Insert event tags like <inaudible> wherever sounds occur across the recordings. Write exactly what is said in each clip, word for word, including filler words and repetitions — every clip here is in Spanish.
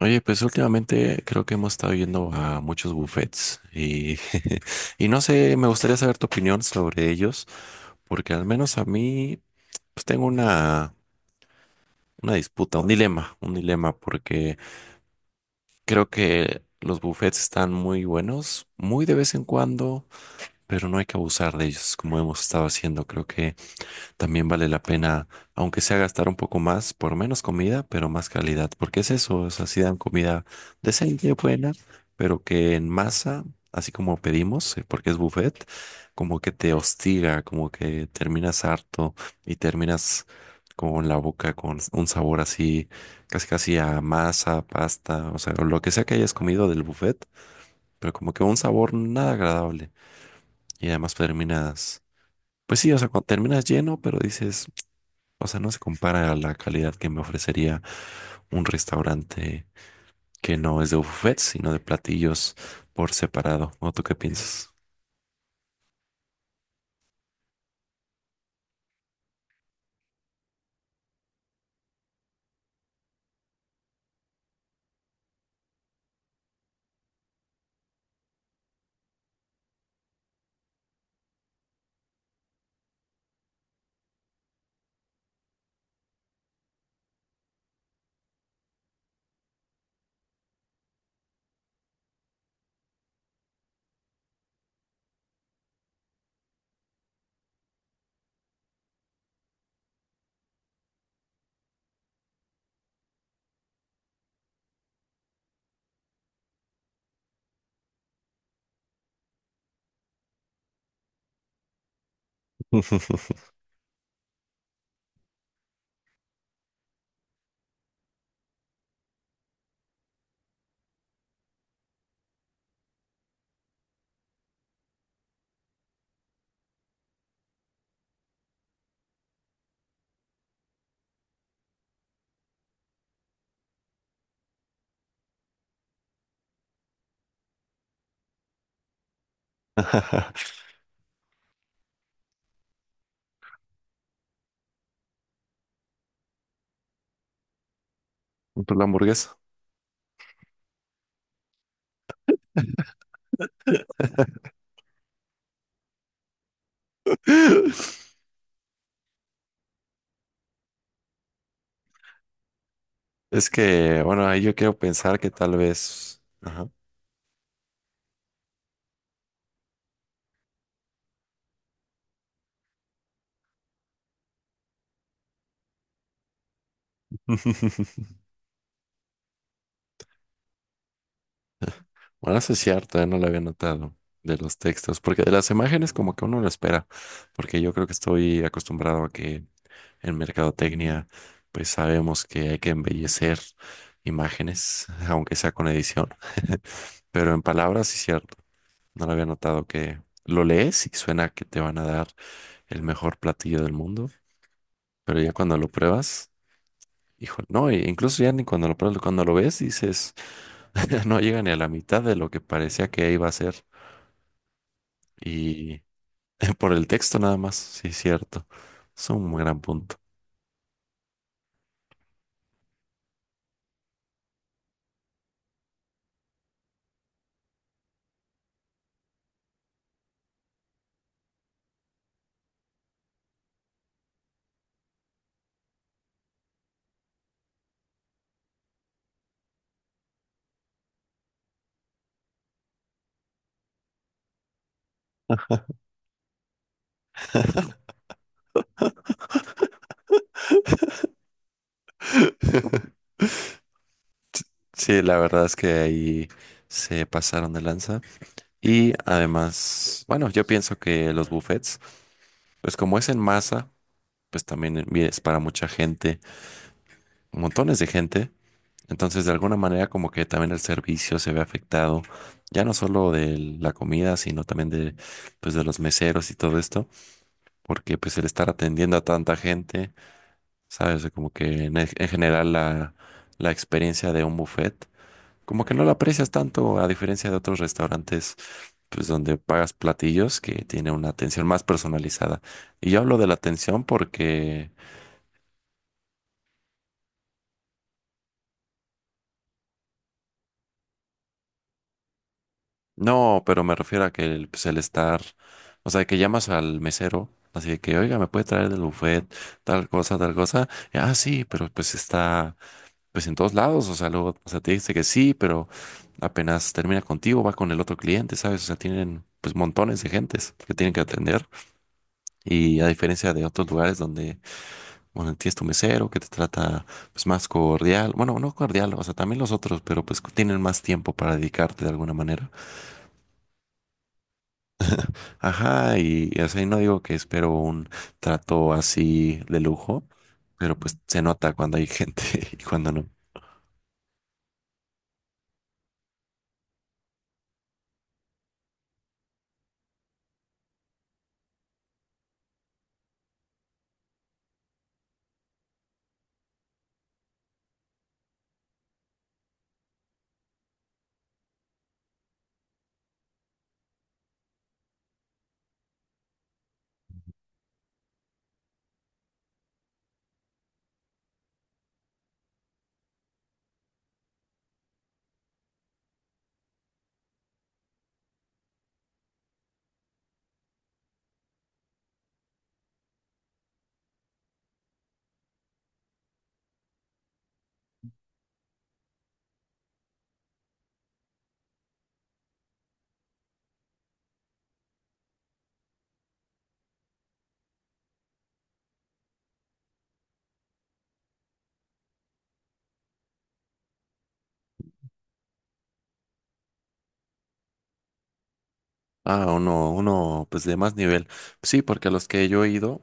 Oye, pues últimamente creo que hemos estado yendo a muchos buffets y, <laughs> y no sé, me gustaría saber tu opinión sobre ellos, porque al menos a mí pues tengo una, una disputa, un dilema, un dilema, porque creo que los buffets están muy buenos, muy de vez en cuando, pero no hay que abusar de ellos como hemos estado haciendo. Creo que también vale la pena, aunque sea gastar un poco más, por menos comida, pero más calidad, porque es eso, o sea, sí dan comida decente, buena, pero que en masa, así como pedimos, eh, porque es buffet, como que te hostiga, como que terminas harto y terminas con la boca con un sabor así, casi casi a masa, pasta, o sea, o lo que sea que hayas comido del buffet, pero como que un sabor nada agradable y además terminas... Pues sí, o sea, cuando terminas lleno, pero dices, o sea, no se compara a la calidad que me ofrecería un restaurante que no es de buffet, sino de platillos por separado. ¿O tú qué piensas? <laughs> Por la hamburguesa. <laughs> Es que, bueno, ahí yo quiero pensar que tal vez... Ajá. <laughs> Bueno, eso es cierto, eh, no lo había notado de los textos, porque de las imágenes como que uno lo espera, porque yo creo que estoy acostumbrado a que en mercadotecnia, pues sabemos que hay que embellecer imágenes, <laughs> aunque sea con edición, pero en palabras sí cierto. No lo había notado que lo lees y suena que te van a dar el mejor platillo del mundo, pero ya cuando lo pruebas, hijo, no, e incluso ya ni cuando lo pruebas, cuando lo ves dices, <laughs> no llega ni a la mitad de lo que parecía que iba a ser. Y <laughs> por el texto nada más, sí cierto. Es un gran punto. Sí, la verdad es que ahí se pasaron de lanza. Y además, bueno, yo pienso que los buffets, pues como es en masa, pues también es para mucha gente, montones de gente. Entonces, de alguna manera, como que también el servicio se ve afectado, ya no solo de la comida, sino también de, pues, de los meseros y todo esto, porque pues el estar atendiendo a tanta gente, sabes, como que en, e- en general la, la experiencia de un buffet, como que no la aprecias tanto a diferencia de otros restaurantes pues donde pagas platillos que tiene una atención más personalizada. Y yo hablo de la atención porque, no, pero me refiero a que el, pues, el estar, o sea, que llamas al mesero, así de que, oiga, ¿me puede traer del buffet tal cosa, tal cosa? Y, ah, sí, pero pues está, pues en todos lados, o sea, luego, o sea, te dice que sí, pero apenas termina contigo, va con el otro cliente, ¿sabes? O sea, tienen... pues montones de gentes que tienen que atender y a diferencia de otros lugares donde bueno, tienes tu mesero que te trata pues más cordial. Bueno, no cordial, o sea, también los otros, pero pues tienen más tiempo para dedicarte de alguna manera. Ajá, y, y así no digo que espero un trato así de lujo, pero pues se nota cuando hay gente <laughs> y cuando no. Ah, uno, uno, pues de más nivel. Sí, porque a los que yo he ido,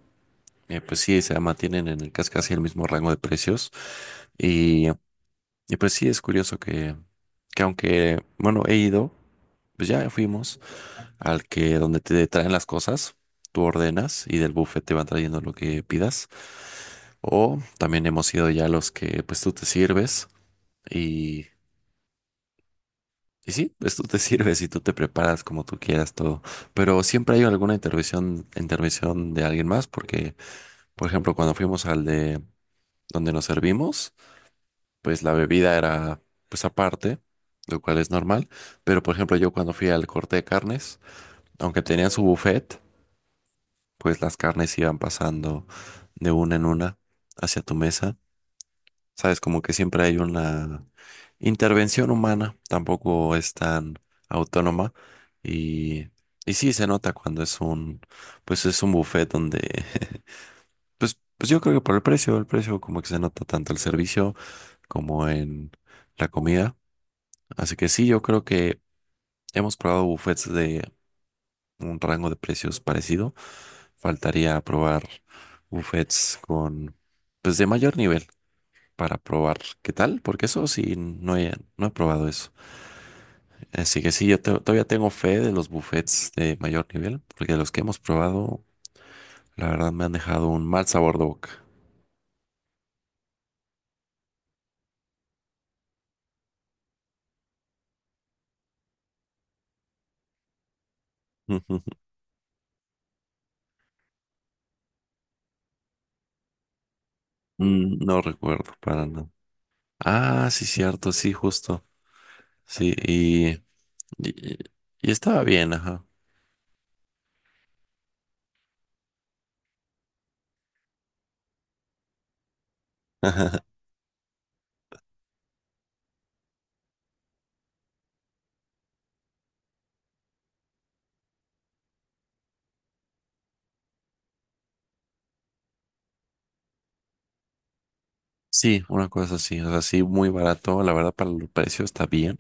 eh, pues sí, se mantienen en el casi casi el mismo rango de precios. Y, y pues sí, es curioso que, que aunque, bueno, he ido, pues ya fuimos al que donde te traen las cosas, tú ordenas y del buffet te van trayendo lo que pidas. O también hemos ido ya a los que pues tú te sirves y, y sí, pues tú te <laughs> sirves y tú te preparas como tú quieras todo. Pero siempre hay alguna intervención, intervención de alguien más porque, por ejemplo, cuando fuimos al de donde nos servimos, pues la bebida era pues aparte, lo cual es normal. Pero, por ejemplo, yo cuando fui al corte de carnes, aunque tenían su buffet, pues las carnes iban pasando de una en una hacia tu mesa. Sabes, como que siempre hay una intervención humana, tampoco es tan autónoma y, y sí se nota cuando es un, pues es un buffet donde, <laughs> pues, pues yo creo que por el precio, el precio como que se nota tanto el servicio como en la comida. Así que sí, yo creo que hemos probado buffets de un rango de precios parecido. Faltaría probar buffets con, pues de mayor nivel para probar qué tal, porque eso sí, no he, no he probado eso. Así que sí, yo to- todavía tengo fe de los buffets de mayor nivel, porque los que hemos probado, la verdad me han dejado un mal sabor de boca. <laughs> Mm, no recuerdo para nada. Ah, sí, cierto, sí, justo. Sí, y, y, y estaba bien, ajá. <laughs> Sí, una cosa así, o sea, sí, muy barato, la verdad para el precio está bien,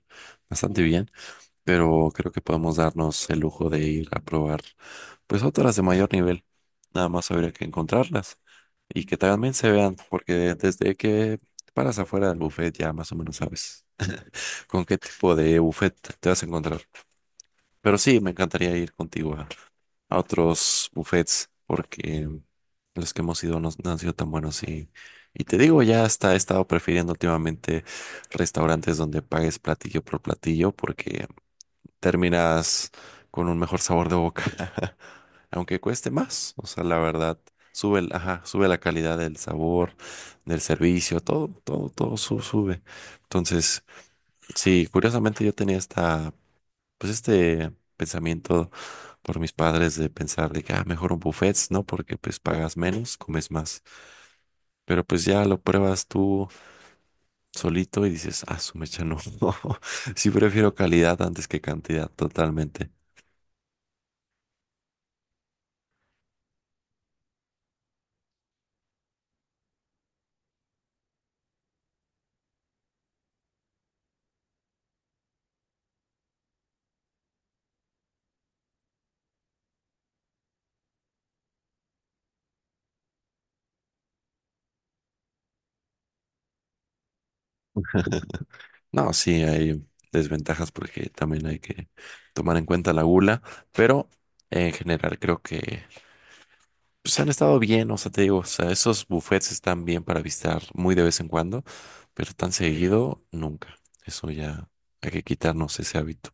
bastante bien, pero creo que podemos darnos el lujo de ir a probar pues otras de mayor nivel, nada más habría que encontrarlas y que también se vean, porque desde que paras afuera del buffet ya más o menos sabes con qué tipo de buffet te vas a encontrar. Pero sí, me encantaría ir contigo a otros buffets porque los que hemos ido no, no han sido tan buenos y, y te digo, ya hasta he estado prefiriendo últimamente restaurantes donde pagues platillo por platillo porque terminas con un mejor sabor de boca, <laughs> aunque cueste más, o sea, la verdad. Sube, el- ajá, sube la calidad del sabor, del servicio, todo, todo, todo su- sube. Entonces, sí, curiosamente yo tenía esta pues este pensamiento por mis padres de pensar de que, ah, mejor un buffet, ¿no? Porque pues pagas menos, comes más. Pero pues ya lo pruebas tú solito y dices, ah, su mecha no. <laughs> Sí prefiero calidad antes que cantidad, totalmente. No, sí, hay desventajas porque también hay que tomar en cuenta la gula, pero en general creo que pues han estado bien, o sea, te digo, o sea, esos buffets están bien para visitar muy de vez en cuando, pero tan seguido nunca. Eso ya hay que quitarnos ese hábito.